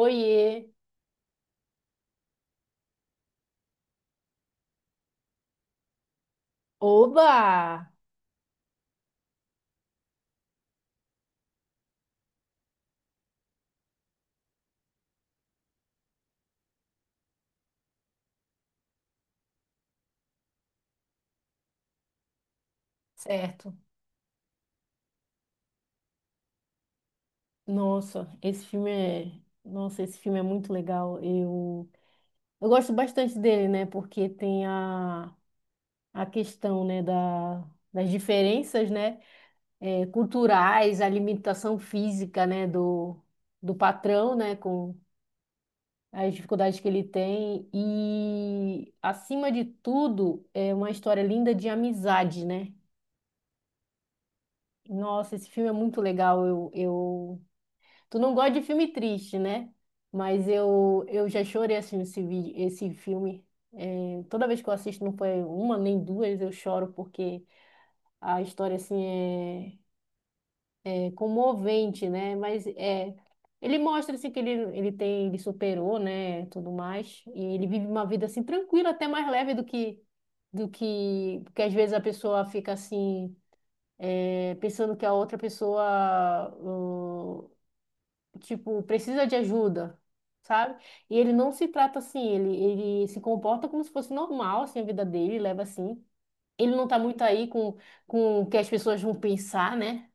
Oiê! Oba! Certo. Nossa, esse filme é, nossa, esse filme é muito legal. Eu gosto bastante dele, né? Porque tem a questão, né, da, das diferenças, né, culturais, a limitação física, né, do patrão, né, com as dificuldades que ele tem e, acima de tudo, é uma história linda de amizade, né? Nossa, esse filme é muito legal. Eu. Tu não gosta de filme triste, né? Mas eu já chorei assim esse vídeo, esse filme. É, toda vez que eu assisto, não foi uma nem duas, eu choro porque a história assim é, é comovente, né? Mas é, ele mostra assim que ele tem, ele superou, né? Tudo mais e ele vive uma vida assim tranquila, até mais leve do que porque às vezes a pessoa fica assim pensando que a outra pessoa tipo, precisa de ajuda, sabe? E ele não se trata assim, ele se comporta como se fosse normal, assim, a vida dele, leva assim. Ele não tá muito aí com o que as pessoas vão pensar, né?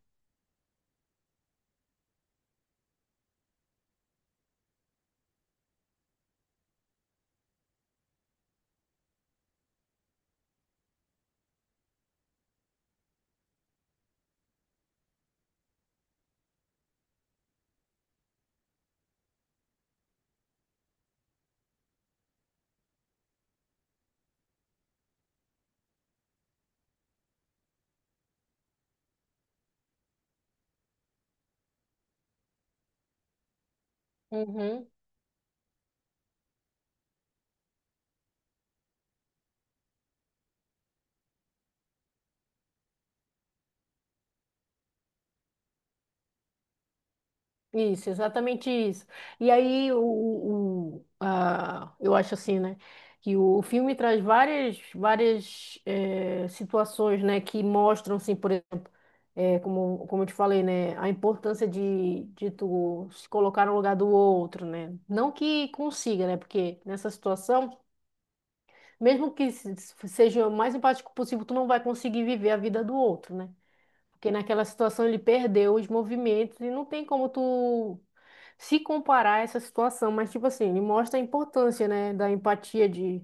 Uhum. Isso, exatamente isso. E aí, o, a, eu acho assim, né? Que o filme traz várias, várias situações, né? Que mostram, assim, por exemplo, como, como eu te falei, né? A importância de tu se colocar no lugar do outro, né? Não que consiga, né? Porque nessa situação, mesmo que seja o mais empático possível, tu não vai conseguir viver a vida do outro, né? Porque naquela situação ele perdeu os movimentos e não tem como tu se comparar a essa situação, mas tipo assim, ele mostra a importância, né, da empatia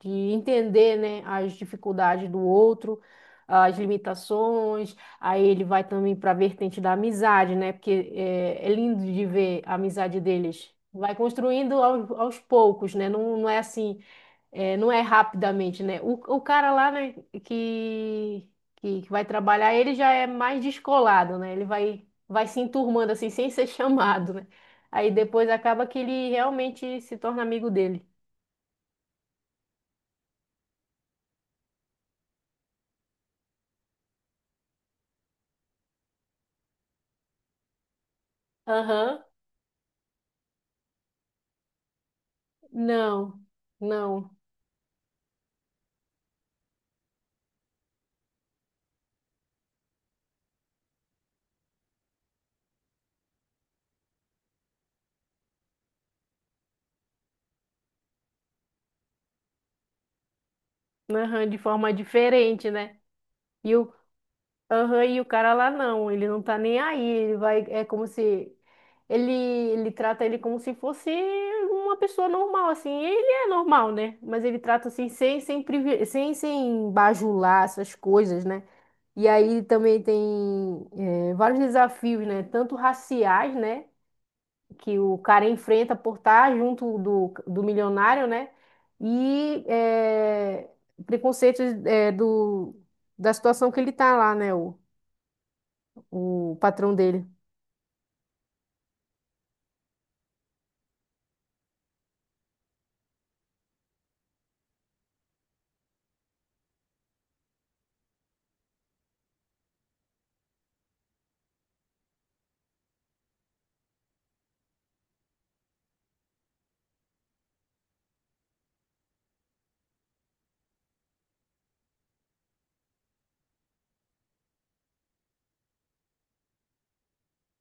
de entender, né, as dificuldades do outro, as limitações. Aí ele vai também para a vertente da amizade, né, porque é, é lindo de ver a amizade deles. Vai construindo aos, aos poucos, né? Não, não é assim. É, não é rapidamente, né? O cara lá, né, que, que vai trabalhar, ele já é mais descolado, né? Ele vai, vai se enturmando assim, sem ser chamado, né? Aí depois acaba que ele realmente se torna amigo dele. Aham. Não, não. Aham, de forma diferente, né? E o aham, e o cara lá não, ele não tá nem aí, ele vai, é como se ele, ele trata ele como se fosse uma pessoa normal, assim, e ele é normal, né? Mas ele trata assim, sem, sem, sem, sem bajular essas coisas, né? E aí também tem vários desafios, né? Tanto raciais, né? Que o cara enfrenta por estar junto do, do milionário, né? E preconceitos do, da situação que ele tá lá, né? O patrão dele.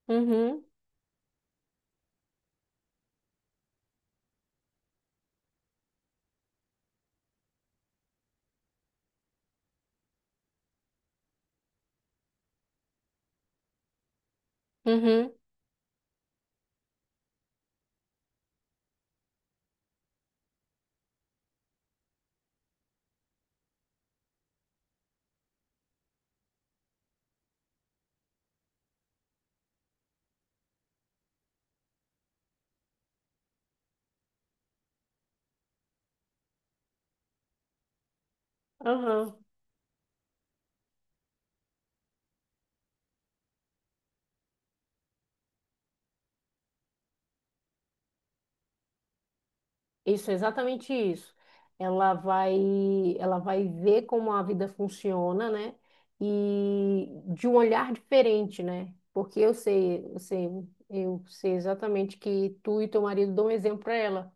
Uhum, uhum, aham. Isso, é exatamente isso. Ela vai, ela vai ver como a vida funciona, né? E de um olhar diferente, né? Porque eu sei, eu sei, eu sei exatamente que tu e teu marido dão um exemplo para ela.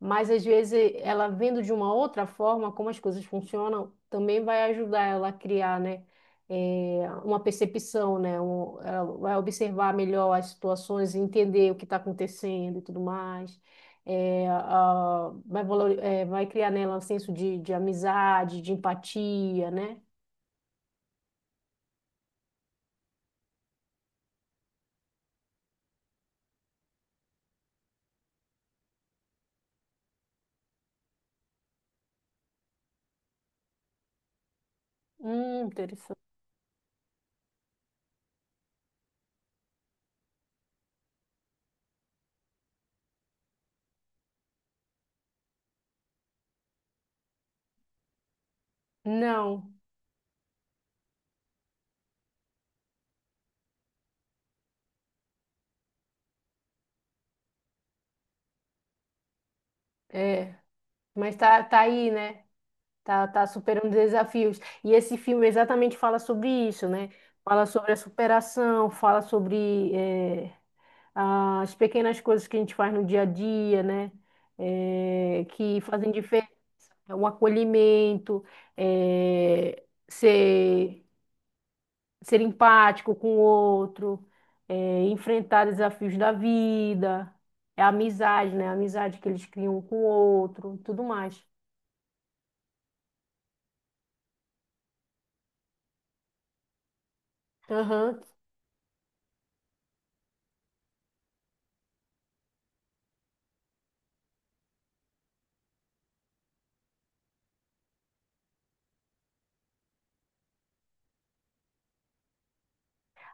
Mas às vezes ela vendo de uma outra forma como as coisas funcionam, também vai ajudar ela a criar, né? Uma percepção, né? Ela vai observar melhor as situações, entender o que está acontecendo e tudo mais é, vai, é, vai criar nela um senso de amizade, de empatia, né? Interessante. Não, é, mas tá, tá aí, né? Tá, tá superando desafios. E esse filme exatamente fala sobre isso, né? Fala sobre a superação, fala sobre as pequenas coisas que a gente faz no dia a dia, né? Que fazem diferença. Né? O acolhimento, é, ser ser empático com o outro, é, enfrentar desafios da vida, é a amizade, né? A amizade que eles criam um com o outro, tudo mais. Aham.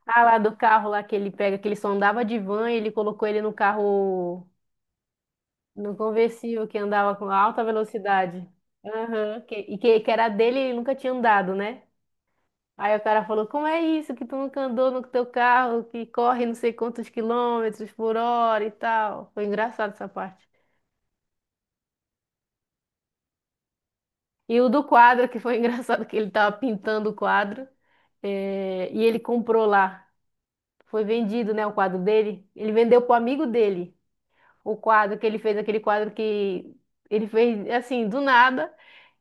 Ah, lá do carro lá que ele pega, que ele só andava de van, e ele colocou ele no carro, no conversível que andava com alta velocidade. Aham, e que era dele e ele nunca tinha andado, né? Aí o cara falou, como é isso que tu nunca andou no teu carro, que corre não sei quantos quilômetros por hora e tal. Foi engraçado essa parte. E o do quadro, que foi engraçado, que ele tava pintando o quadro, e ele comprou lá. Foi vendido, né, o quadro dele. Ele vendeu pro amigo dele o quadro que ele fez, aquele quadro que ele fez, assim, do nada.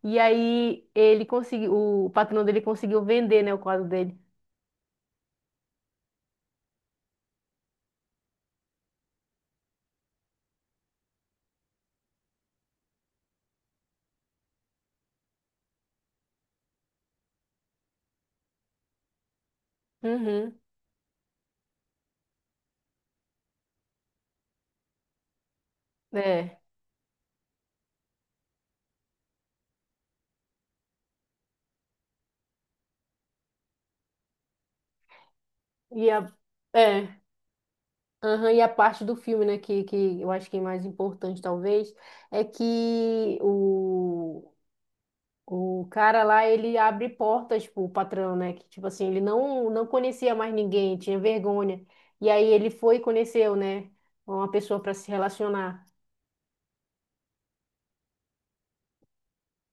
E aí ele conseguiu, o patrão dele conseguiu vender, né, o quadro dele. Uhum. É. E a, é. Aham, e a parte do filme, né, que eu acho que é mais importante, talvez, é que o cara lá, ele abre portas pro patrão, né? Que, tipo assim, ele não, não conhecia mais ninguém, tinha vergonha. E aí ele foi e conheceu, né? Uma pessoa para se relacionar.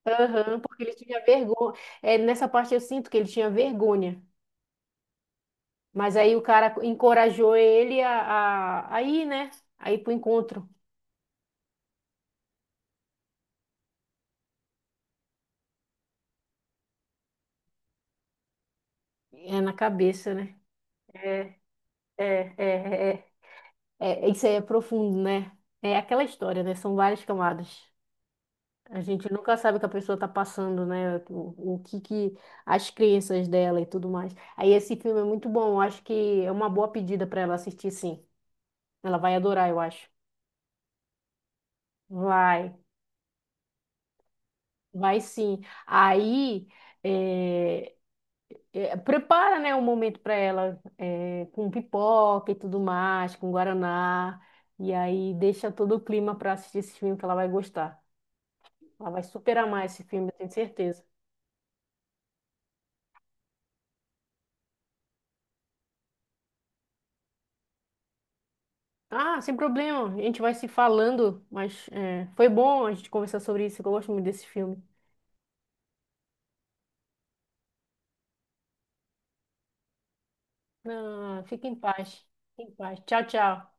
Aham, porque ele tinha vergonha. É, nessa parte eu sinto que ele tinha vergonha. Mas aí o cara encorajou ele a ir, né? A ir pro encontro. É na cabeça, né? É, é, é, é. É. É, isso aí é profundo, né? É aquela história, né? São várias camadas. A gente nunca sabe o que a pessoa está passando, né? O que que as crenças dela e tudo mais. Aí esse filme é muito bom. Eu acho que é uma boa pedida para ela assistir, sim. Ela vai adorar, eu acho. Vai, vai sim. Aí é, é, prepara, né, um momento para ela é, com pipoca e tudo mais, com guaraná. E aí deixa todo o clima para assistir esse filme que ela vai gostar. Ela vai super amar esse filme, eu tenho certeza. Ah, sem problema. A gente vai se falando, mas é, foi bom a gente conversar sobre isso. Que eu gosto muito desse filme. Não, fica em paz. Fica em paz. Tchau, tchau.